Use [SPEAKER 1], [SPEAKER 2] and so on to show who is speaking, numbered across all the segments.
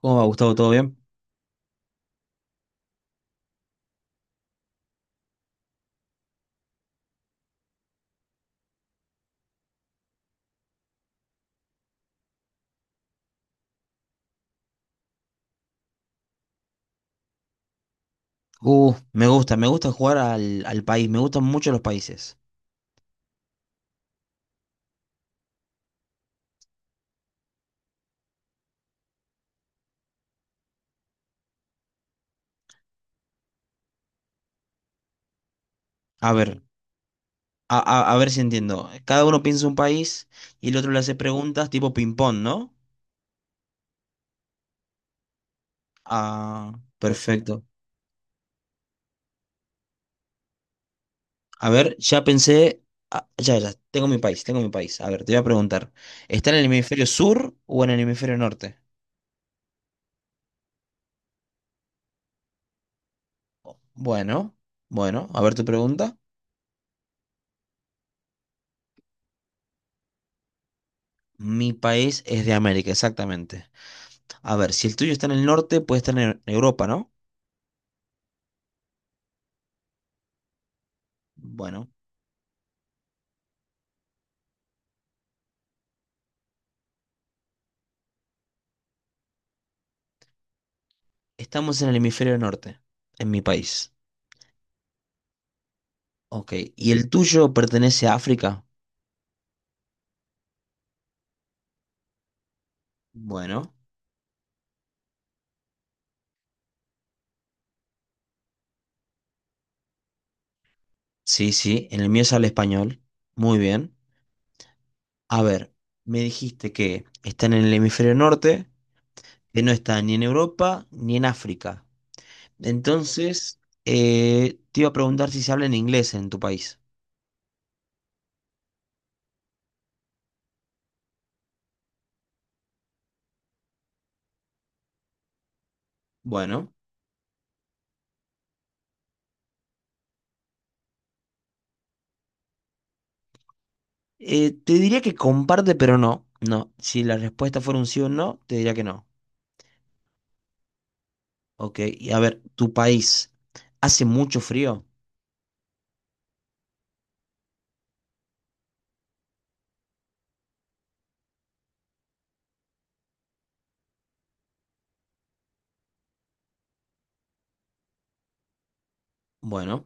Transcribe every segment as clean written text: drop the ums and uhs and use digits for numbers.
[SPEAKER 1] ¿Cómo va, Gustavo? ¿Todo bien? Me gusta jugar al, al país, me gustan mucho los países. A ver, a ver si entiendo. Cada uno piensa un país y el otro le hace preguntas tipo ping-pong, ¿no? Ah, perfecto. A ver, ya pensé, ah, ya, ya, tengo mi país, tengo mi país. A ver, te voy a preguntar, ¿está en el hemisferio sur o en el hemisferio norte? Bueno, bueno, a ver tu pregunta. Mi país es de América, exactamente. A ver, si el tuyo está en el norte, puede estar en Europa, ¿no? Bueno. Estamos en el hemisferio norte, en mi país. Ok. ¿Y el tuyo pertenece a África? Bueno, sí, sí. En el mío se habla español. Muy bien. A ver, me dijiste que están en el hemisferio norte, que no está ni en Europa ni en África. Entonces, te iba a preguntar si se habla en inglés en tu país. Bueno, te diría que comparte, pero no. No. Si la respuesta fuera un sí o un no, te diría que no. Ok. Y a ver, ¿tu país hace mucho frío? Bueno,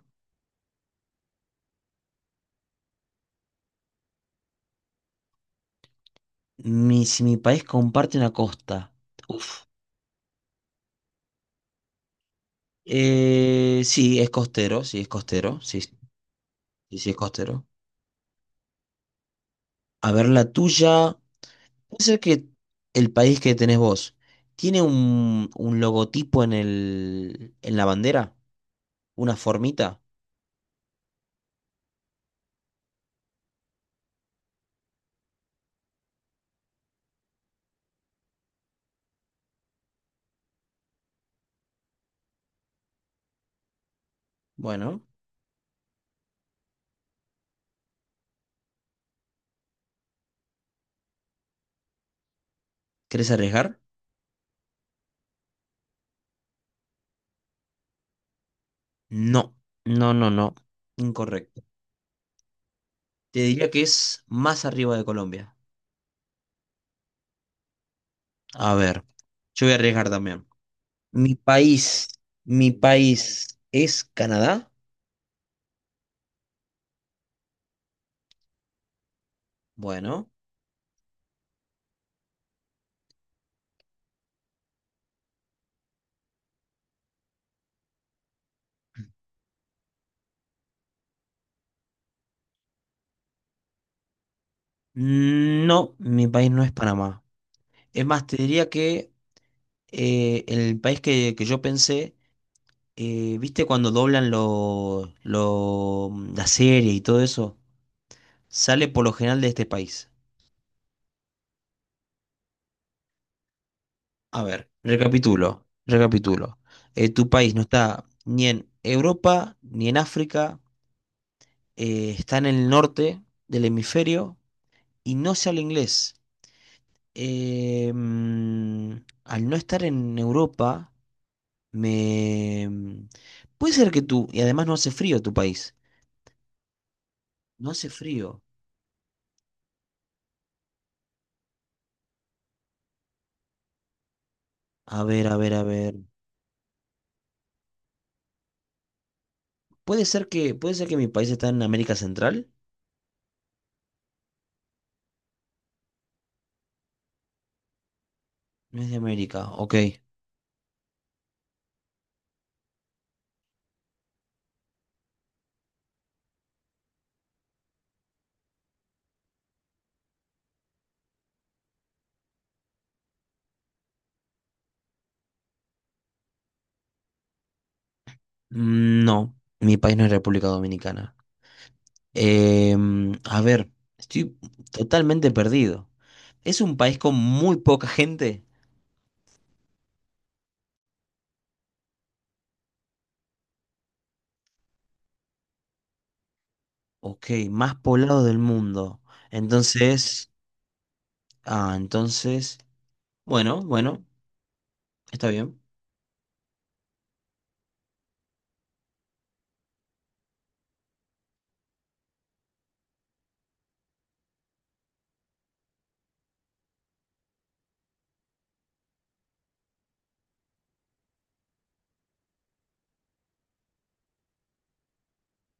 [SPEAKER 1] mi, si mi país comparte una costa. Uf. Sí, es costero, sí, es costero, sí, sí, sí, es costero. A ver, la tuya, puede ser que el país que tenés vos tiene un logotipo en el, en la bandera, una formita. Bueno, ¿querés arriesgar? No, no, no, no, incorrecto. Te diría que es más arriba de Colombia. A ver, yo voy a arriesgar también. Mi país, mi país es Canadá. Bueno, no, mi país no es Panamá. Es más, te diría que el país que yo pensé, viste cuando doblan lo, la serie y todo eso, sale por lo general de este país. A ver, recapitulo, recapitulo. Tu país no está ni en Europa ni en África, está en el norte del hemisferio y no se habla inglés. eh, mm, Al no estar en Europa, me... mm, puede ser que tú, y además no hace frío tu país, no hace frío. A ver, a ver, a ver. Puede ser que mi país está en América Central, no es de América, ok. No, mi país no es República Dominicana. A ver, estoy totalmente perdido. Es un país con muy poca gente, ok, más poblado del mundo. Entonces, entonces... Bueno, bueno, está bien.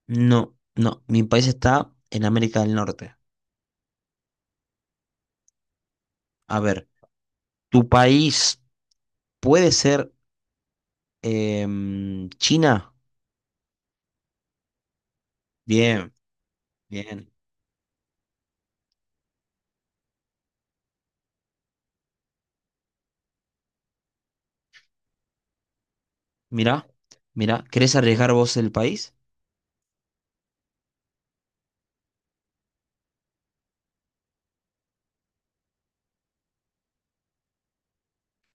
[SPEAKER 1] No, no, mi país está en América del Norte. A ver, ¿tu país puede ser China? Bien, bien. Mirá, mirá, ¿querés arriesgar vos el país?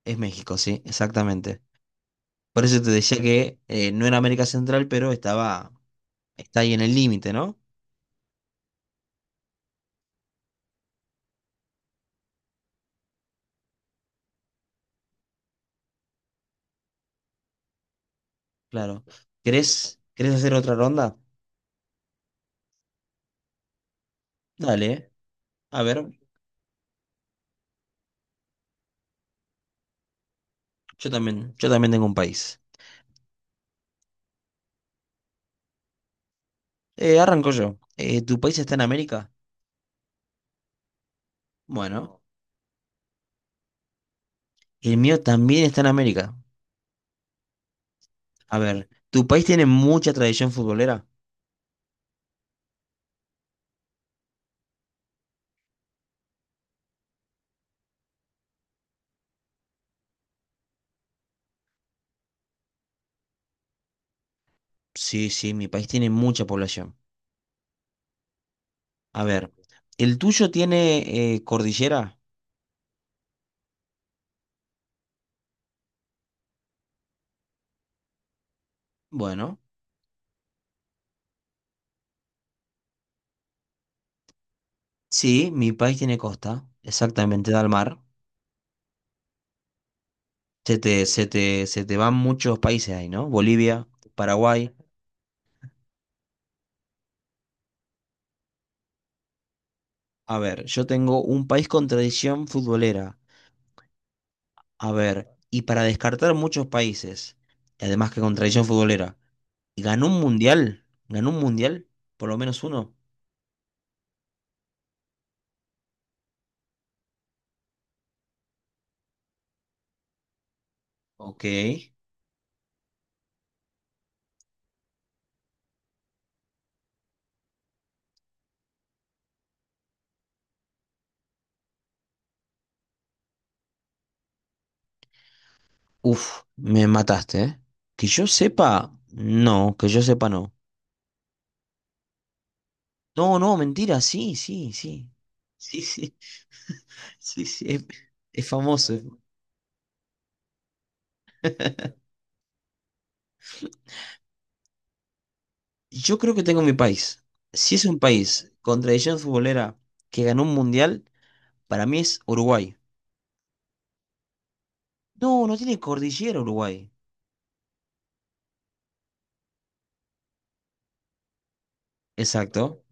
[SPEAKER 1] Es México, sí, exactamente. Por eso te decía que no era América Central, pero estaba, está ahí en el límite, ¿no? Claro. ¿Querés, querés hacer otra ronda? Dale, a ver, yo también tengo un país. Arranco yo. ¿Tu país está en América? Bueno, el mío también está en América. A ver, ¿tu país tiene mucha tradición futbolera? Sí, sí, mi país tiene mucha población. A ver, ¿el tuyo tiene cordillera? Bueno, sí, mi país tiene costa, exactamente, da al mar. Se te van muchos países ahí, ¿no? Bolivia, Paraguay. A ver, yo tengo un país con tradición futbolera. A ver, y para descartar muchos países, y además que con tradición futbolera, ¿ganó un mundial? ¿Ganó un mundial? ¿Por lo menos uno? Ok. Uf, me mataste, ¿eh? Que yo sepa, no, que yo sepa, no. No, no, mentira, sí, sí, sí. Sí, sí, sí, sí, es famoso. Yo creo que tengo mi país. Si es un país con tradición futbolera que ganó un mundial, para mí es Uruguay. No, no tiene cordillera Uruguay. Exacto.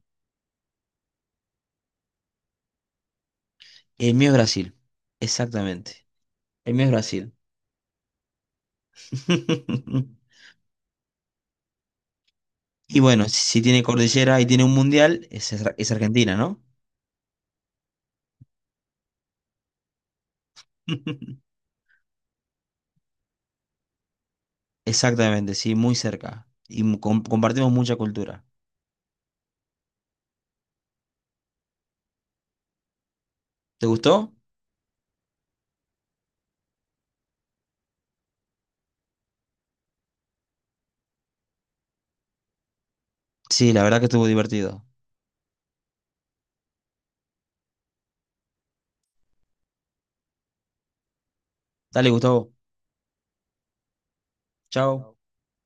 [SPEAKER 1] El mío es Brasil, exactamente. El mío es Brasil. Y bueno, si, si tiene cordillera y tiene un mundial, es, es Argentina, ¿no? Exactamente, sí, muy cerca. Y compartimos mucha cultura. ¿Te gustó? Sí, la verdad que estuvo divertido. Dale, Gustavo. Chao.